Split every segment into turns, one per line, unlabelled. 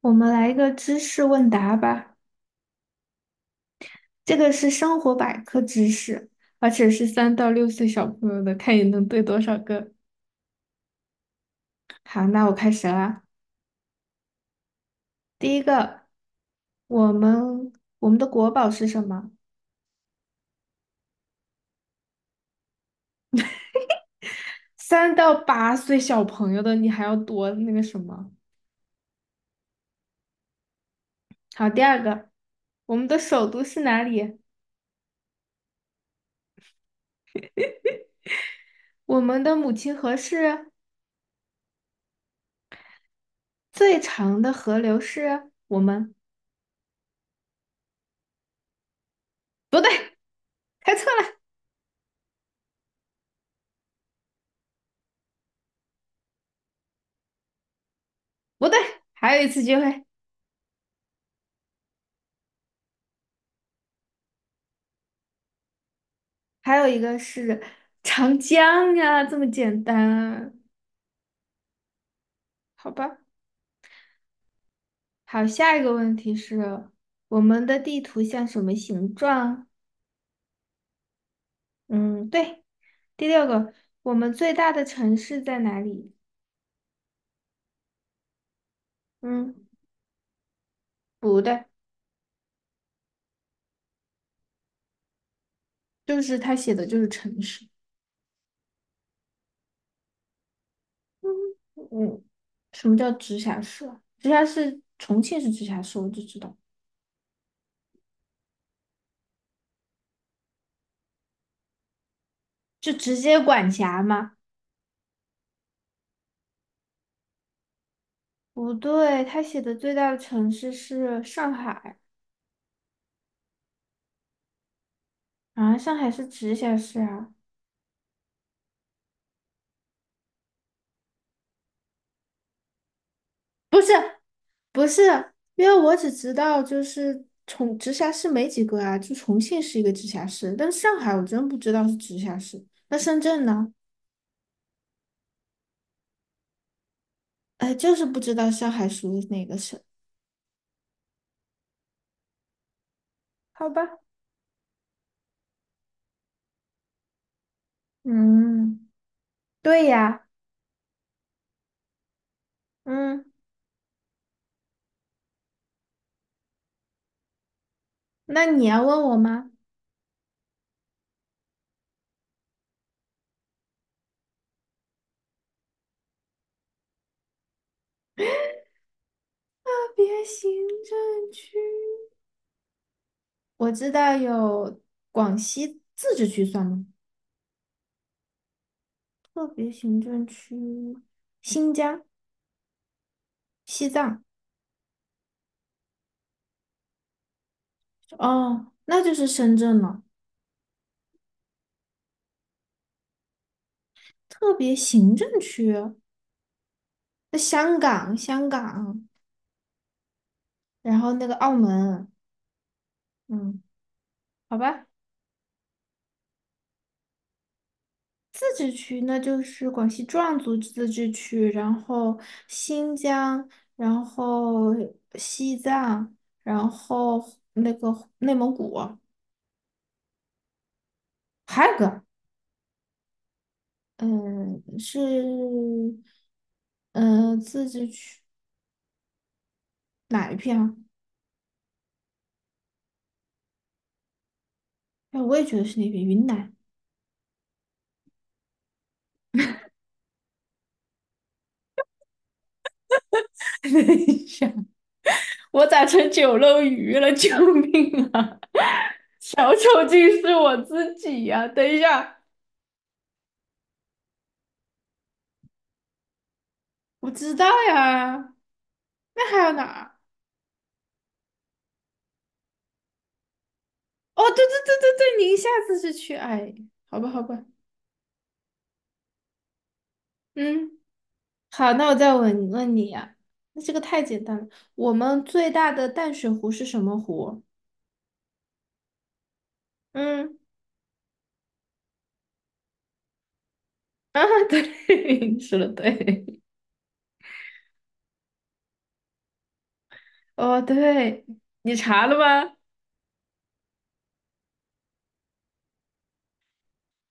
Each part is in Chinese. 我们来一个知识问答吧，这个是生活百科知识，而且是三到六岁小朋友的，看你能对多少个。好，那我开始啦。第一个，我们我们的国宝是什么？三到八岁小朋友的，你还要多那个什么？好，第二个，我们的首都是哪里？我们的母亲河是最长的河流是我们。不对，开错了。不对，还有一次机会。还有一个是长江呀，这么简单啊。好吧，好，下一个问题是我们的地图像什么形状？嗯，对。第六个，我们最大的城市在哪里？嗯，不对，就是他写的就是城市。嗯，什么叫直辖市啊直辖市，重庆是直辖市，我就知道，就直接管辖吗？不对，他写的最大的城市是上海。啊，上海是直辖市啊。不是。不是，因为我只知道就是重直辖市没几个啊，就重庆是一个直辖市，但是上海我真不知道是直辖市。那深圳呢？哎，就是不知道上海属于哪个省。好吧。嗯，对呀。嗯，那你要问我吗？特别行政区，我知道有广西自治区算吗？特别行政区，新疆、西藏。哦，那就是深圳了。特别行政区。那香港，香港，然后那个澳门。嗯，好吧。自治区那就是广西壮族自治区，然后新疆，然后西藏，然后那个内蒙古。还有个。嗯，是。嗯，自治区哪一片啊？哎，我也觉得是那边云南。等一下，我咋成九漏鱼了？救命啊！小丑竟是我自己呀、等一下，我知道呀。那还有哪儿？哦，对对对对对，您下次是去哎，好吧好吧。嗯，好，那我再问问你呀、那这个太简单了。我们最大的淡水湖是什么湖？嗯啊，对，你说的对。哦，对，你查了吗？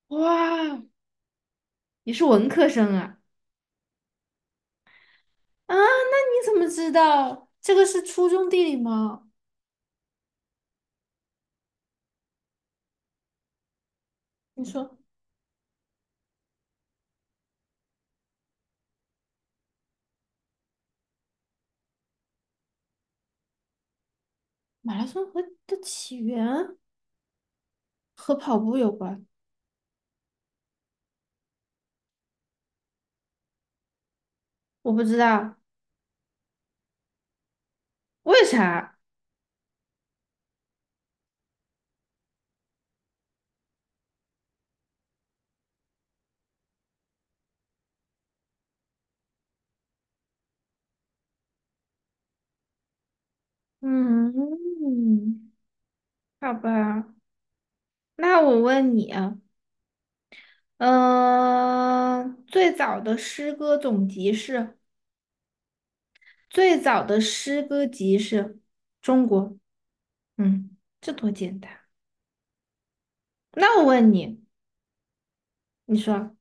哇，你是文科生啊？啊，那你怎么知道？这个是初中地理吗？你说。马拉松和的起源和跑步有关，我不知道为啥。嗯，好吧，那我问你啊，嗯、最早的诗歌总集是最早的诗歌集是中国。嗯，这多简单。那我问你，你说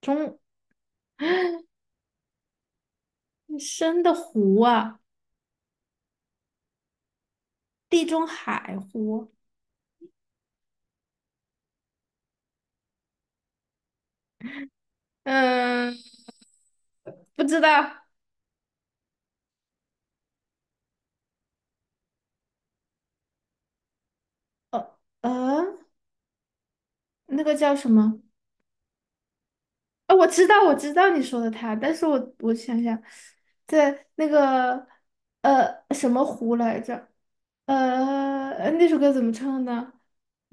中深的湖啊，地中海湖。嗯，不知道。呃呃，那个叫什么？啊，我知道，我知道你说的他，但是我想想，在那个什么湖来着？那首歌怎么唱呢？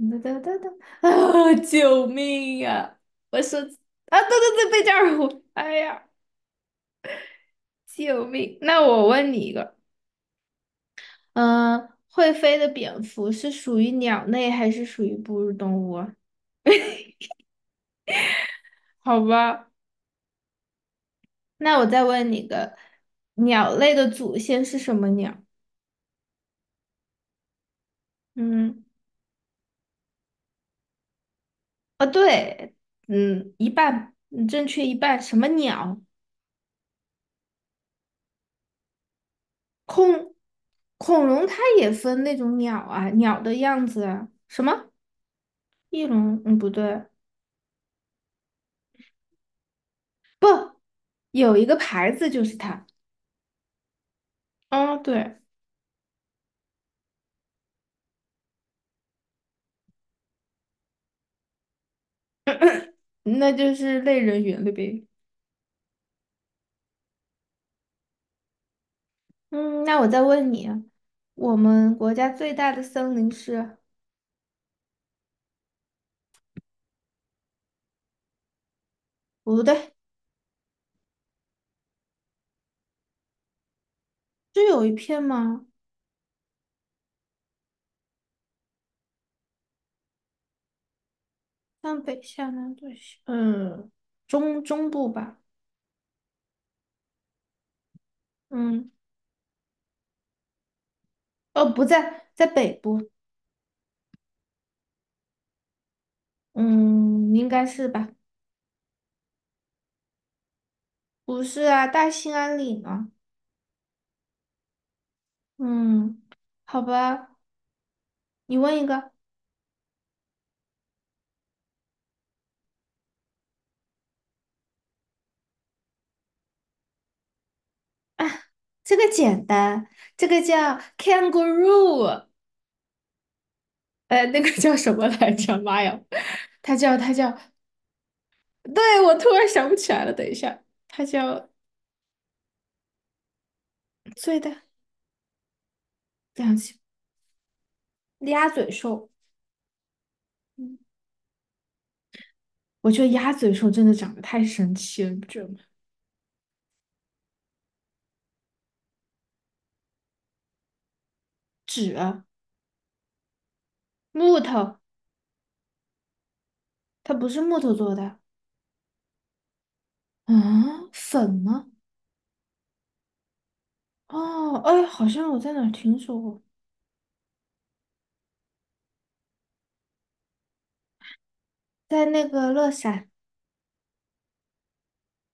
哒哒哒哒啊！救命呀、我说啊，对对对，贝加尔湖，哎呀，救命！那我问你一个，嗯、会飞的蝙蝠是属于鸟类还是属于哺乳动物啊？好吧，那我再问你一个，鸟类的祖先是什么鸟？嗯。啊，对。嗯，一半，嗯正确一半。什么鸟？恐恐龙它也分那种鸟啊，鸟的样子啊。什么翼龙？嗯，不对，有一个牌子就是它。哦，对，那就是类人猿了呗。嗯，那我再问你啊，我们国家最大的森林是？不对，是有一片吗？上北下南左西。嗯，中部吧。嗯，哦，不在，在北部。嗯，应该是吧？不是啊，大兴安岭啊。嗯，好吧，你问一个啊。这个简单，这个叫 kangaroo，那个叫什么来着？妈呀，它叫，对，我突然想不起来了，等一下，它叫最大两栖鸭嘴兽。嗯，我觉得鸭嘴兽真的长得太神奇了，你不觉得吗？纸、木头，它不是木头做的啊？粉吗？哦，哎，好像我在哪儿听说过。在那个乐山。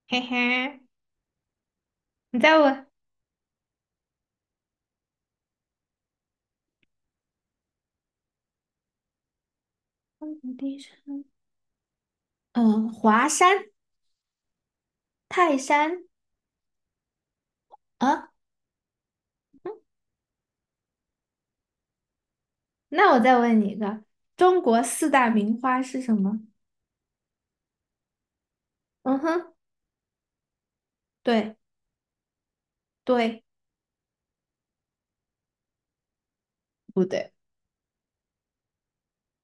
嘿嘿，你再问中国第一山。嗯，华山、泰山啊。那我再问你一个，中国四大名花是什么？嗯哼，对，对。不对，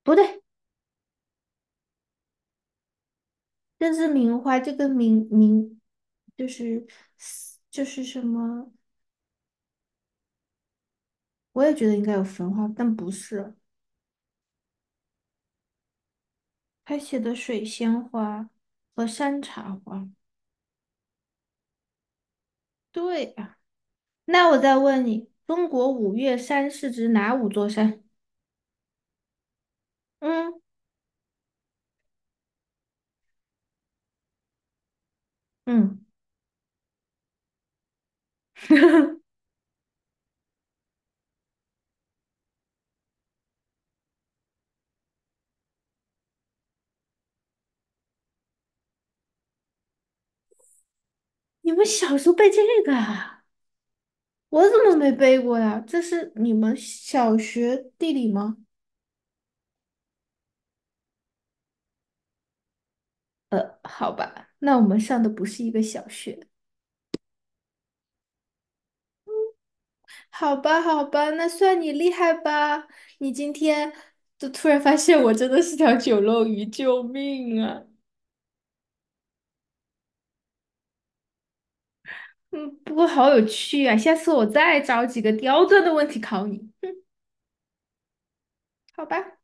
不对，这是名花，这个名名就是就是什么？我也觉得应该有焚花，但不是，他写的水仙花和山茶花。对呀。那我再问你，中国五岳山是指哪五座山？嗯，嗯，你们小时候背这个啊？我怎么没背过呀？这是你们小学地理吗？好吧，那我们上的不是一个小学。好吧，好吧，那算你厉害吧。你今天就突然发现我真的是条九漏鱼，救命啊！嗯，不过好有趣啊，下次我再找几个刁钻的问题考你。好吧。